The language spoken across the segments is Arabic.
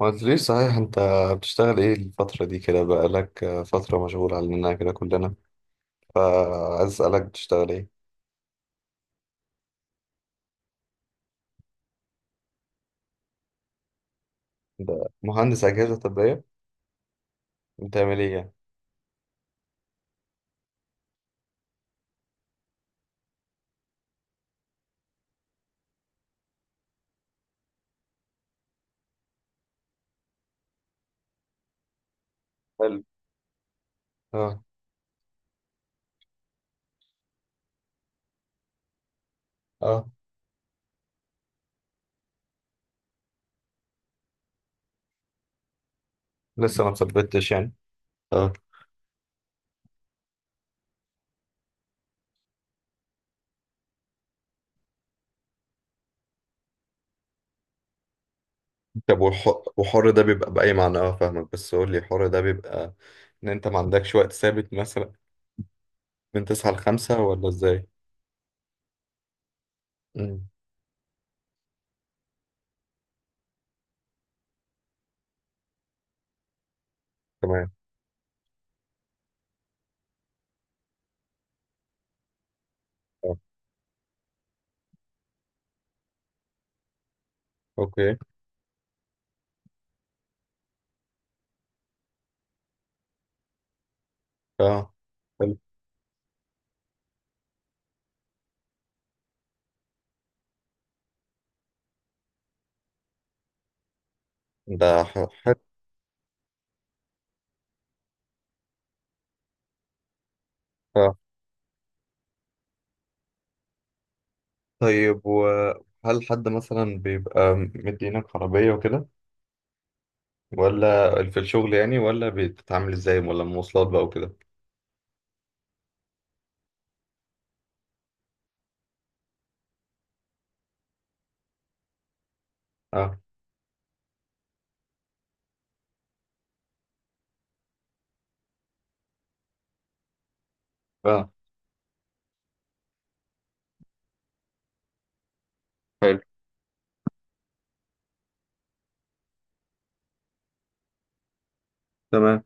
ما قلتليش صحيح انت بتشتغل ايه الفترة دي كده؟ بقالك فترة مشغول عننا كده كلنا، فعايز اسألك بتشتغل ايه؟ ده مهندس أجهزة طبية، بتعمل ايه يعني؟ حلو. اه. اه. لسه ما ثبتتش يعني؟ اه. طب وحر ده بيبقى بأي معنى؟ اه، فاهمك بس قول لي حر ده بيبقى ان انت ما عندكش وقت ثابت مثلا، من تسعة لخمسة ولا ازاي؟ امم. تمام. اه. اوكي. اه. حلو. ده حلو. آه. طيب، وهل حد مثلا بيبقى مدينك عربية وكده؟ ولا في الشغل يعني؟ ولا بتتعامل ازاي؟ ولا مواصلات بقى وكده؟ اه. اه. حلو. تمام.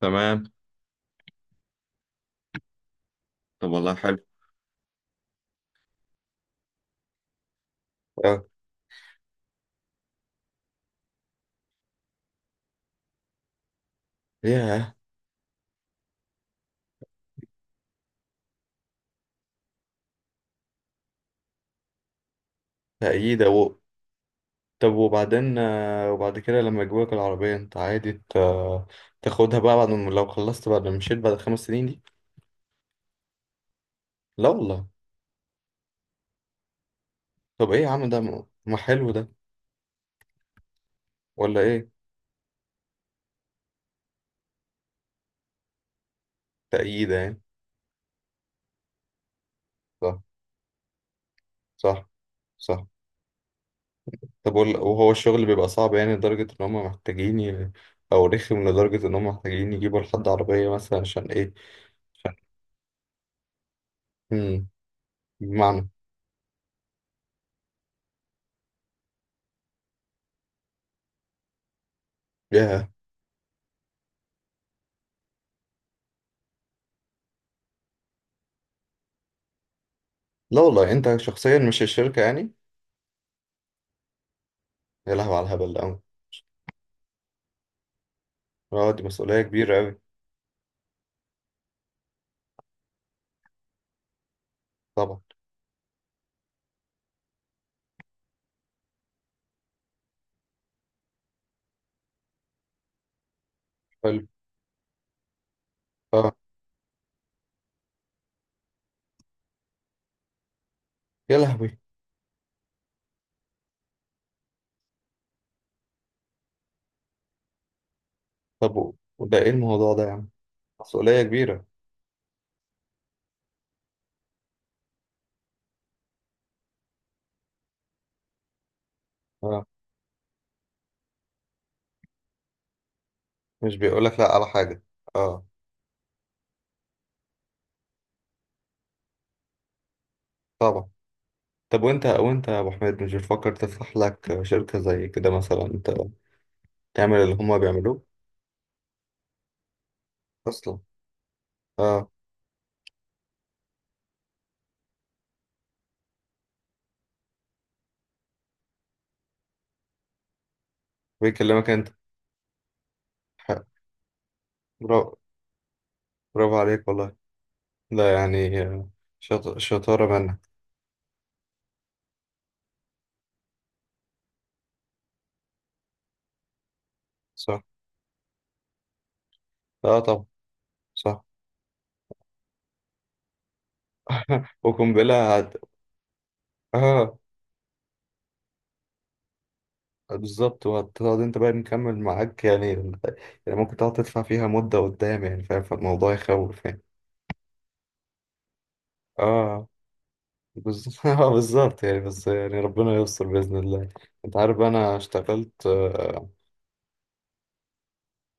تمام. طب والله حلو. اه. ياه. تأييدة و... طب وبعدين، وبعد كده لما يجيبولك العربية انت عادي تاخدها بقى، بعد ما لو خلصت، بعد ما مشيت بعد 5 سنين دي؟ لا والله. طب ايه يا عم؟ ده ما حلو ده؟ ولا ايه؟ تأييدة يعني. صح. صح. صح. طب وهو الشغل بيبقى صعب يعني لدرجة إن هما محتاجين أو رخم لدرجة إن هما محتاجين يجيبوا لحد عربية مثلا، عشان إيه؟ عشان. مم. بمعنى. ياه. لا والله، أنت شخصيا مش الشركة يعني. يا لهوي على الهبل ده أوي. أه، دي مسؤولية كبيرة أوي. طبعا. حلو. أه. يا لهوي. طب وده إيه الموضوع ده يا عم؟ مسؤولية كبيرة. أه. مش بيقولك لأ على حاجة. أه. طبعا. طب وأنت يا أبو حميد، مش بتفكر تفتح لك شركة زي كده مثلا، أنت تعمل اللي هما بيعملوه؟ أصلا. آه. بيكلمك انت. ح- برافو. برافو عليك والله. لا يعني، شطارة منك. صح. اه. طبعا. صح. وقنبلة اه، بالظبط. وهتقعد انت بقى نكمل معاك يعني، يعني ممكن تقعد تدفع فيها مدة قدام يعني، فاهم؟ فالموضوع يخوف يعني. اه بالظبط. اه بالظبط يعني. بس يعني ربنا يستر بإذن الله. انت عارف انا اشتغلت،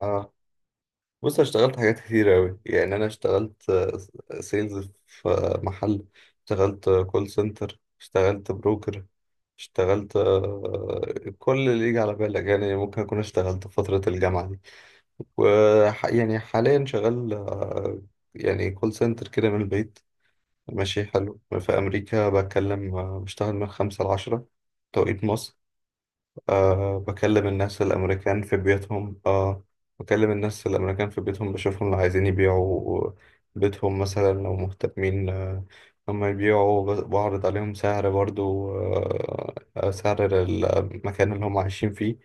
آه، بص، أنا اشتغلت حاجات كتير أوي يعني. أنا اشتغلت سيلز في محل. اشتغلت كول سنتر. اشتغلت بروكر. اشتغلت كل اللي يجي على بالك يعني، ممكن أكون اشتغلت في فترة الجامعة دي. يعني حاليا شغال، يعني كول سنتر كده من البيت. ماشي حلو، في أمريكا بتكلم، بشتغل من خمسة لعشرة توقيت مصر. أه، بكلم الناس الأمريكان في بيوتهم. أه، بكلم الناس الأمريكان في بيوتهم، بشوفهم لو عايزين يبيعوا بيتهم مثلا، لو مهتمين هم يبيعوا، بعرض عليهم سعر برضو، أه سعر المكان اللي هم عايشين فيه،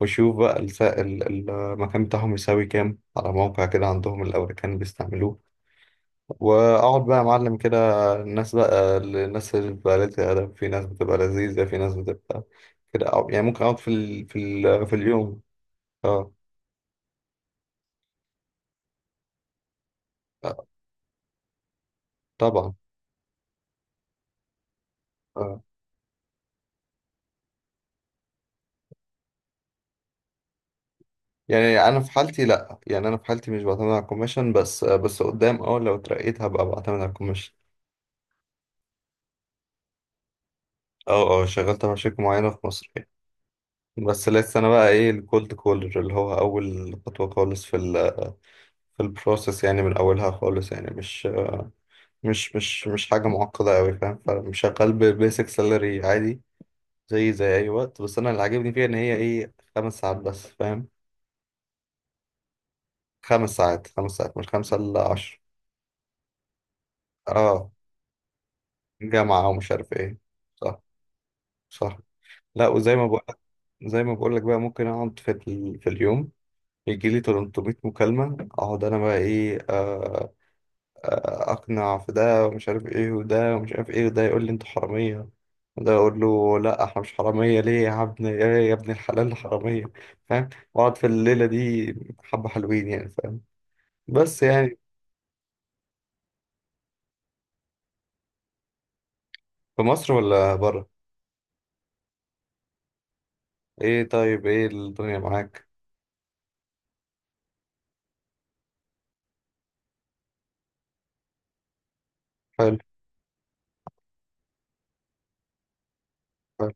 وشوف بقى المكان بتاعهم يساوي كام، على موقع كده عندهم الأمريكان بيستعملوه. واقعد بقى يا معلم كده، الناس اللي بتبقى قليلة الادب، في ناس بتبقى لذيذه، في ناس بتبقى كده. يعني ممكن اقعد في اليوم. اه. آه، طبعا. اه، يعني انا في حالتي لا، يعني انا في حالتي مش بعتمد على الكوميشن، بس قدام، اه لو اترقيت هبقى بعتمد على الكوميشن. اه. اه. شغلت مع شركه معينه في مصر يعني. بس لسه انا بقى ايه الكولد كولر، اللي هو اول خطوه خالص في البروسيس يعني، من اولها خالص يعني، مش حاجة معقدة أوي فاهم. فشغال ببيسك سالري عادي، زي أي وقت، بس أنا اللي عاجبني فيها إن هي إيه، 5 ساعات بس فاهم. خمس ساعات. خمس ساعات مش خمسة إلا عشر. أه، جامعة ومش عارف إيه. صح. صح. لا، وزي ما بقول، زي ما بقول لك بقى، ممكن أقعد في اليوم يجي لي 300 مكالمة، أقعد أنا بقى إيه، اقنع في ده ومش عارف ايه، وده ومش عارف ايه، وده يقول لي انت حراميه، وده يقول له لا احنا مش حراميه ليه يا ابني، ايه يا ابن الحلال حراميه. فاهم؟ واقعد في الليله دي حبه حلوين يعني فاهم. بس يعني، في مصر ولا بره؟ ايه. طيب، ايه الدنيا معاك؟ حلو. حلو.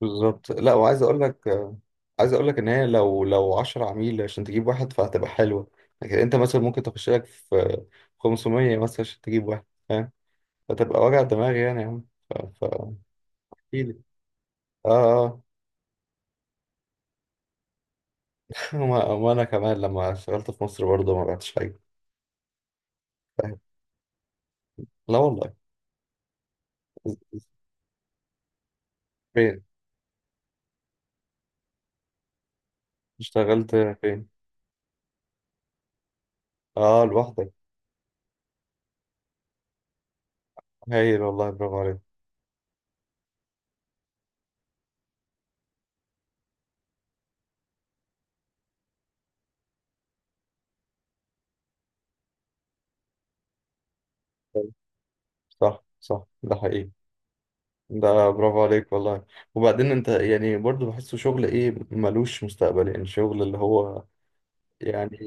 بالظبط. لا، وعايز اقول لك ان هي لو 10 عميل عشان تجيب واحد فهتبقى حلوه. لكن انت مثلا ممكن تخش لك في 500 مثلا عشان تجيب واحد، فتبقى وجع دماغ يعني يا عم. ف... ف... احكيلي. اه. اه. وانا كمان لما اشتغلت في مصر برضه ما بعتش حاجة. فاهم؟ لا والله. فين اشتغلت؟ فين. اه، لوحدك. هايل والله، برافو عليك. صح. صح، ده حقيقي. ده برافو عليك والله. وبعدين انت يعني برضو بحسه شغل ايه، ملوش مستقبل يعني. شغل اللي هو يعني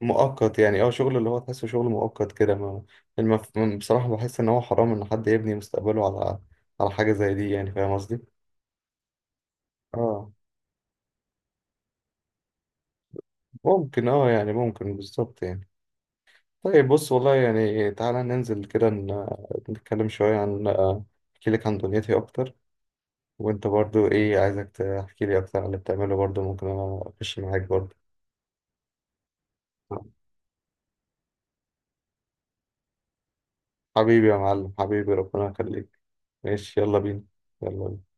مؤقت يعني، اه شغل اللي هو تحسه شغل مؤقت كده ما. بصراحة بحس ان هو حرام ان حد يبني مستقبله على حاجة زي دي يعني، فاهم قصدي؟ اه. ممكن. اه يعني ممكن بالظبط يعني. طيب بص والله يعني، تعالى ننزل كده نتكلم شوية عن، احكي لك عن دنيتي اكتر، وانت برضو ايه، عايزك تحكي لي اكتر عن اللي بتعمله برضو، ممكن انا اخش معاك برضو. حبيبي يا معلم، حبيبي ربنا يخليك. ماشي يلا بينا. يلا بينا.